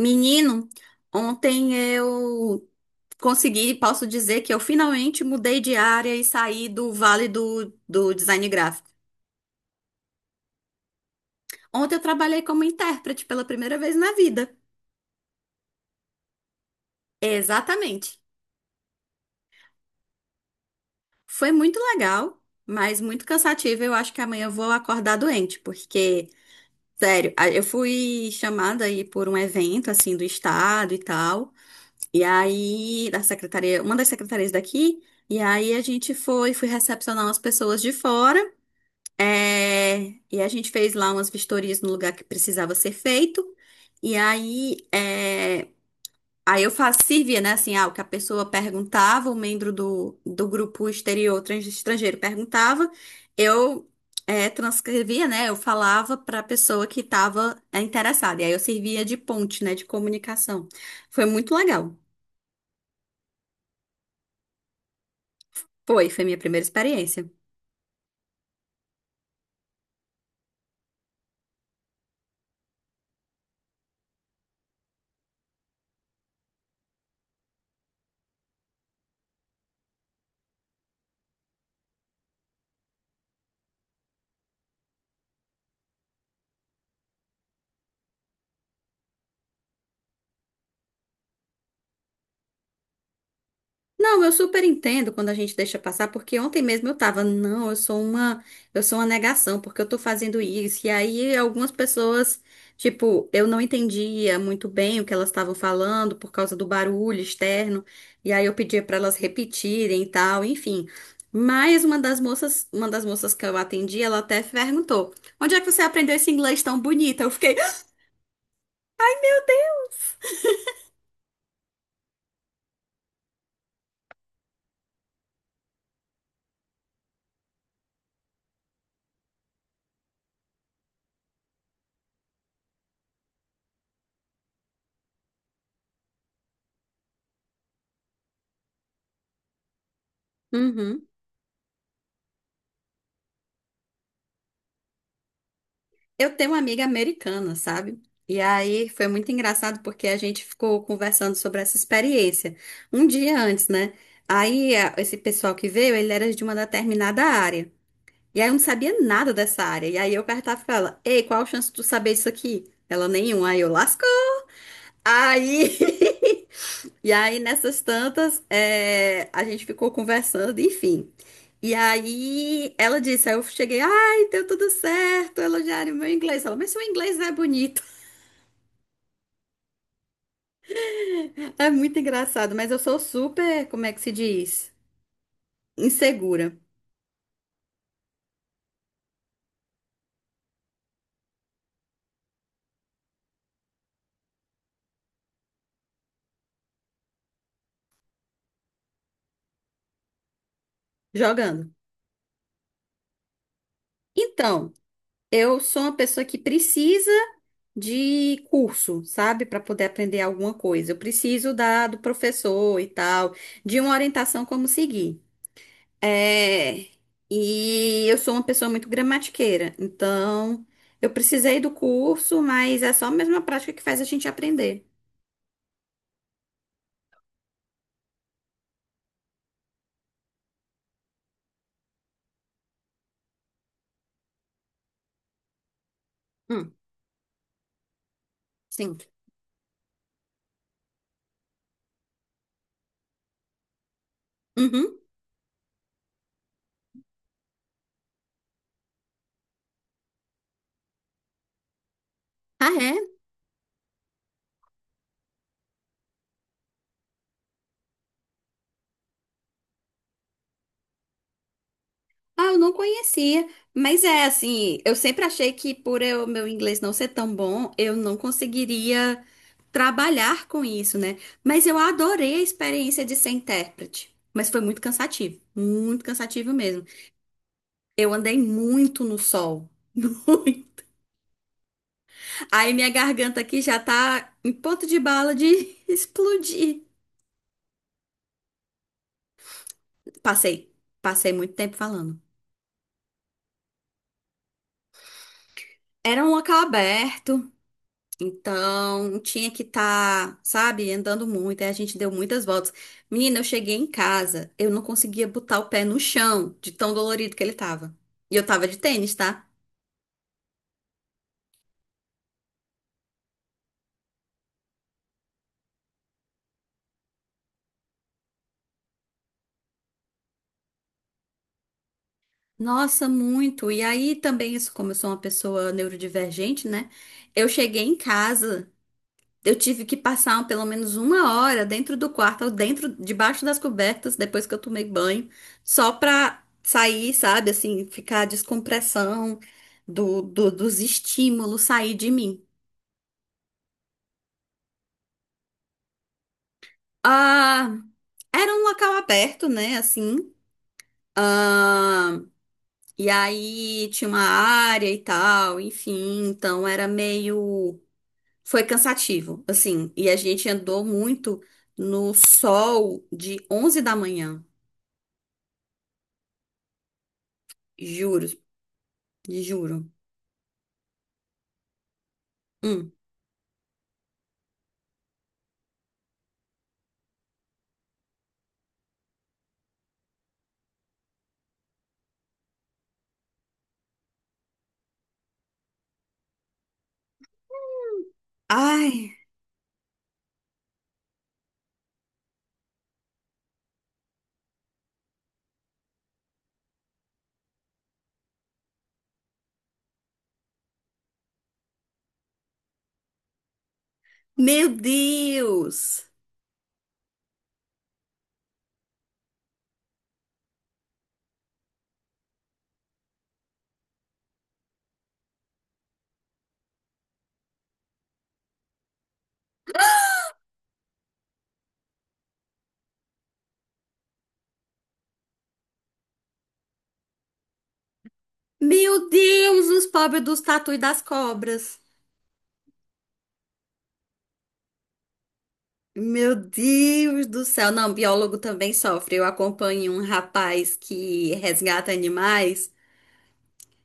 Menino, ontem eu consegui, posso dizer que eu finalmente mudei de área e saí do vale do design gráfico. Ontem eu trabalhei como intérprete pela primeira vez na vida. Exatamente. Foi muito legal, mas muito cansativo. Eu acho que amanhã eu vou acordar doente, porque, sério, eu fui chamada aí por um evento, assim, do estado e tal. E aí, da secretaria, uma das secretarias daqui. E aí fui recepcionar umas pessoas de fora. É, e a gente fez lá umas vistorias no lugar que precisava ser feito. E aí, aí eu fazia, servia, né? Assim, ah, o que a pessoa perguntava, o membro do grupo exterior estrangeiro perguntava, eu transcrevia, né? Eu falava para a pessoa que estava interessada. E aí eu servia de ponte, né? De comunicação. Foi muito legal. Foi, foi minha primeira experiência. Não, eu super entendo quando a gente deixa passar, porque ontem mesmo eu tava, não, eu sou uma negação, porque eu tô fazendo isso. E aí algumas pessoas, tipo, eu não entendia muito bem o que elas estavam falando por causa do barulho externo, e aí eu pedia pra elas repetirem e tal, enfim. Mas uma das moças que eu atendi, ela até perguntou: "Onde é que você aprendeu esse inglês tão bonito?" Eu fiquei, "Uhum." Eu tenho uma amiga americana, sabe? E aí foi muito engraçado porque a gente ficou conversando sobre essa experiência um dia antes, né? Aí esse pessoal que veio, ele era de uma determinada área. E aí eu não sabia nada dessa área. E aí eu perguntava pra ela: "Ei, qual a chance de tu saber isso aqui?" Ela, nenhuma. Aí eu lascou. Aí. E aí, nessas tantas, a gente ficou conversando, enfim. E aí, ela disse, aí eu cheguei, ai, deu tudo certo, elogiaram meu inglês. Ela, mas seu inglês não é bonito. É muito engraçado, mas eu sou super, como é que se diz? Insegura, jogando. Então, eu sou uma pessoa que precisa de curso, sabe? Para poder aprender alguma coisa. Eu preciso da, do professor e tal, de uma orientação como seguir. É, e eu sou uma pessoa muito gramatiqueira, então eu precisei do curso, mas é só mesmo a prática que faz a gente aprender. Hum, sim. Uhum. Ah, é? Ah, eu não conhecia. Mas é assim, eu sempre achei que por eu, meu inglês não ser tão bom, eu não conseguiria trabalhar com isso, né? Mas eu adorei a experiência de ser intérprete. Mas foi muito cansativo mesmo. Eu andei muito no sol. Aí minha garganta aqui já tá em ponto de bala de explodir. Passei, passei muito tempo falando. Era um local aberto, então tinha que estar, sabe, andando muito. Aí a gente deu muitas voltas. Menina, eu cheguei em casa, eu não conseguia botar o pé no chão, de tão dolorido que ele tava. E eu tava de tênis, tá? Nossa, muito. E aí também, isso, como eu sou uma pessoa neurodivergente, né? Eu cheguei em casa. Eu tive que passar pelo menos uma hora dentro do quarto, ou dentro, debaixo das cobertas, depois que eu tomei banho, só pra sair, sabe, assim, ficar a descompressão do, dos estímulos sair de mim. Ah, era um local aberto, né, assim. Ah, e aí tinha uma área e tal, enfim, então era meio. Foi cansativo, assim, e a gente andou muito no sol de 11 da manhã. Juro, juro. Hum. Ai, meu Deus! Meu Deus, os pobres dos tatu e das cobras. Meu Deus do céu. Não, biólogo também sofre. Eu acompanho um rapaz que resgata animais,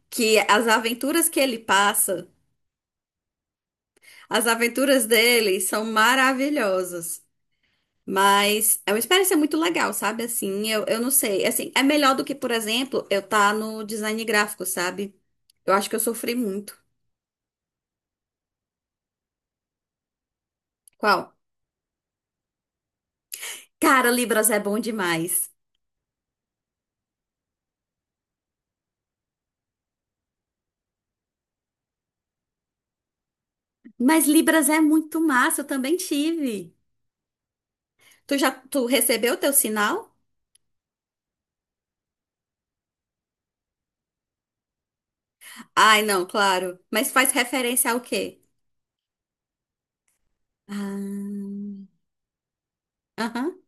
que as aventuras que ele passa, as aventuras dele são maravilhosas. Mas é uma experiência muito legal, sabe? Assim, eu não sei. Assim, é melhor do que, por exemplo, eu estar no design gráfico, sabe? Eu acho que eu sofri muito. Qual? Cara, Libras é bom demais. Mas Libras é muito massa, eu também tive. Tu já, tu recebeu o teu sinal? Ai, não, claro. Mas faz referência ao quê? Ah, aham,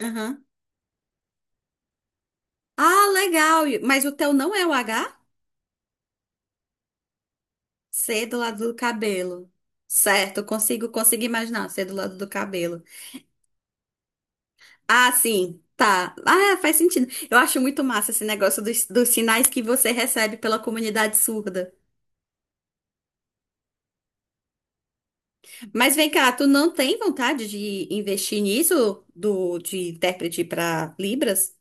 aham. Ah, legal. E- mas o teu não é o H? C do lado do cabelo. Certo, consigo imaginar C do lado do cabelo. Ah, sim, tá. Ah, faz sentido. Eu acho muito massa esse negócio dos sinais que você recebe pela comunidade surda. Mas vem cá, tu não tem vontade de investir nisso do de intérprete para Libras?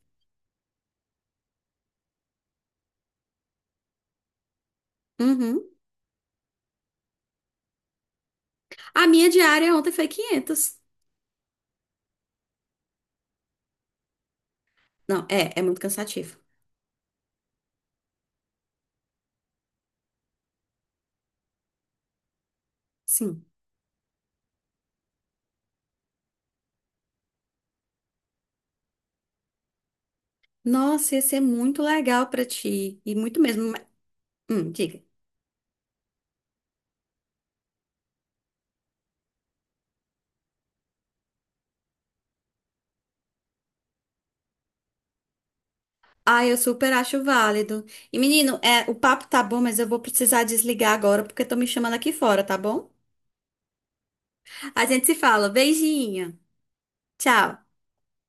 Uhum. A minha diária ontem foi 500. Não, é, é muito cansativo. Sim. Nossa, ia ser muito legal pra ti e muito mesmo. Mas- hum, diga. Ah, eu super acho válido. E menino, é, o papo tá bom, mas eu vou precisar desligar agora porque estão me chamando aqui fora, tá bom? A gente se fala. Beijinho. Tchau.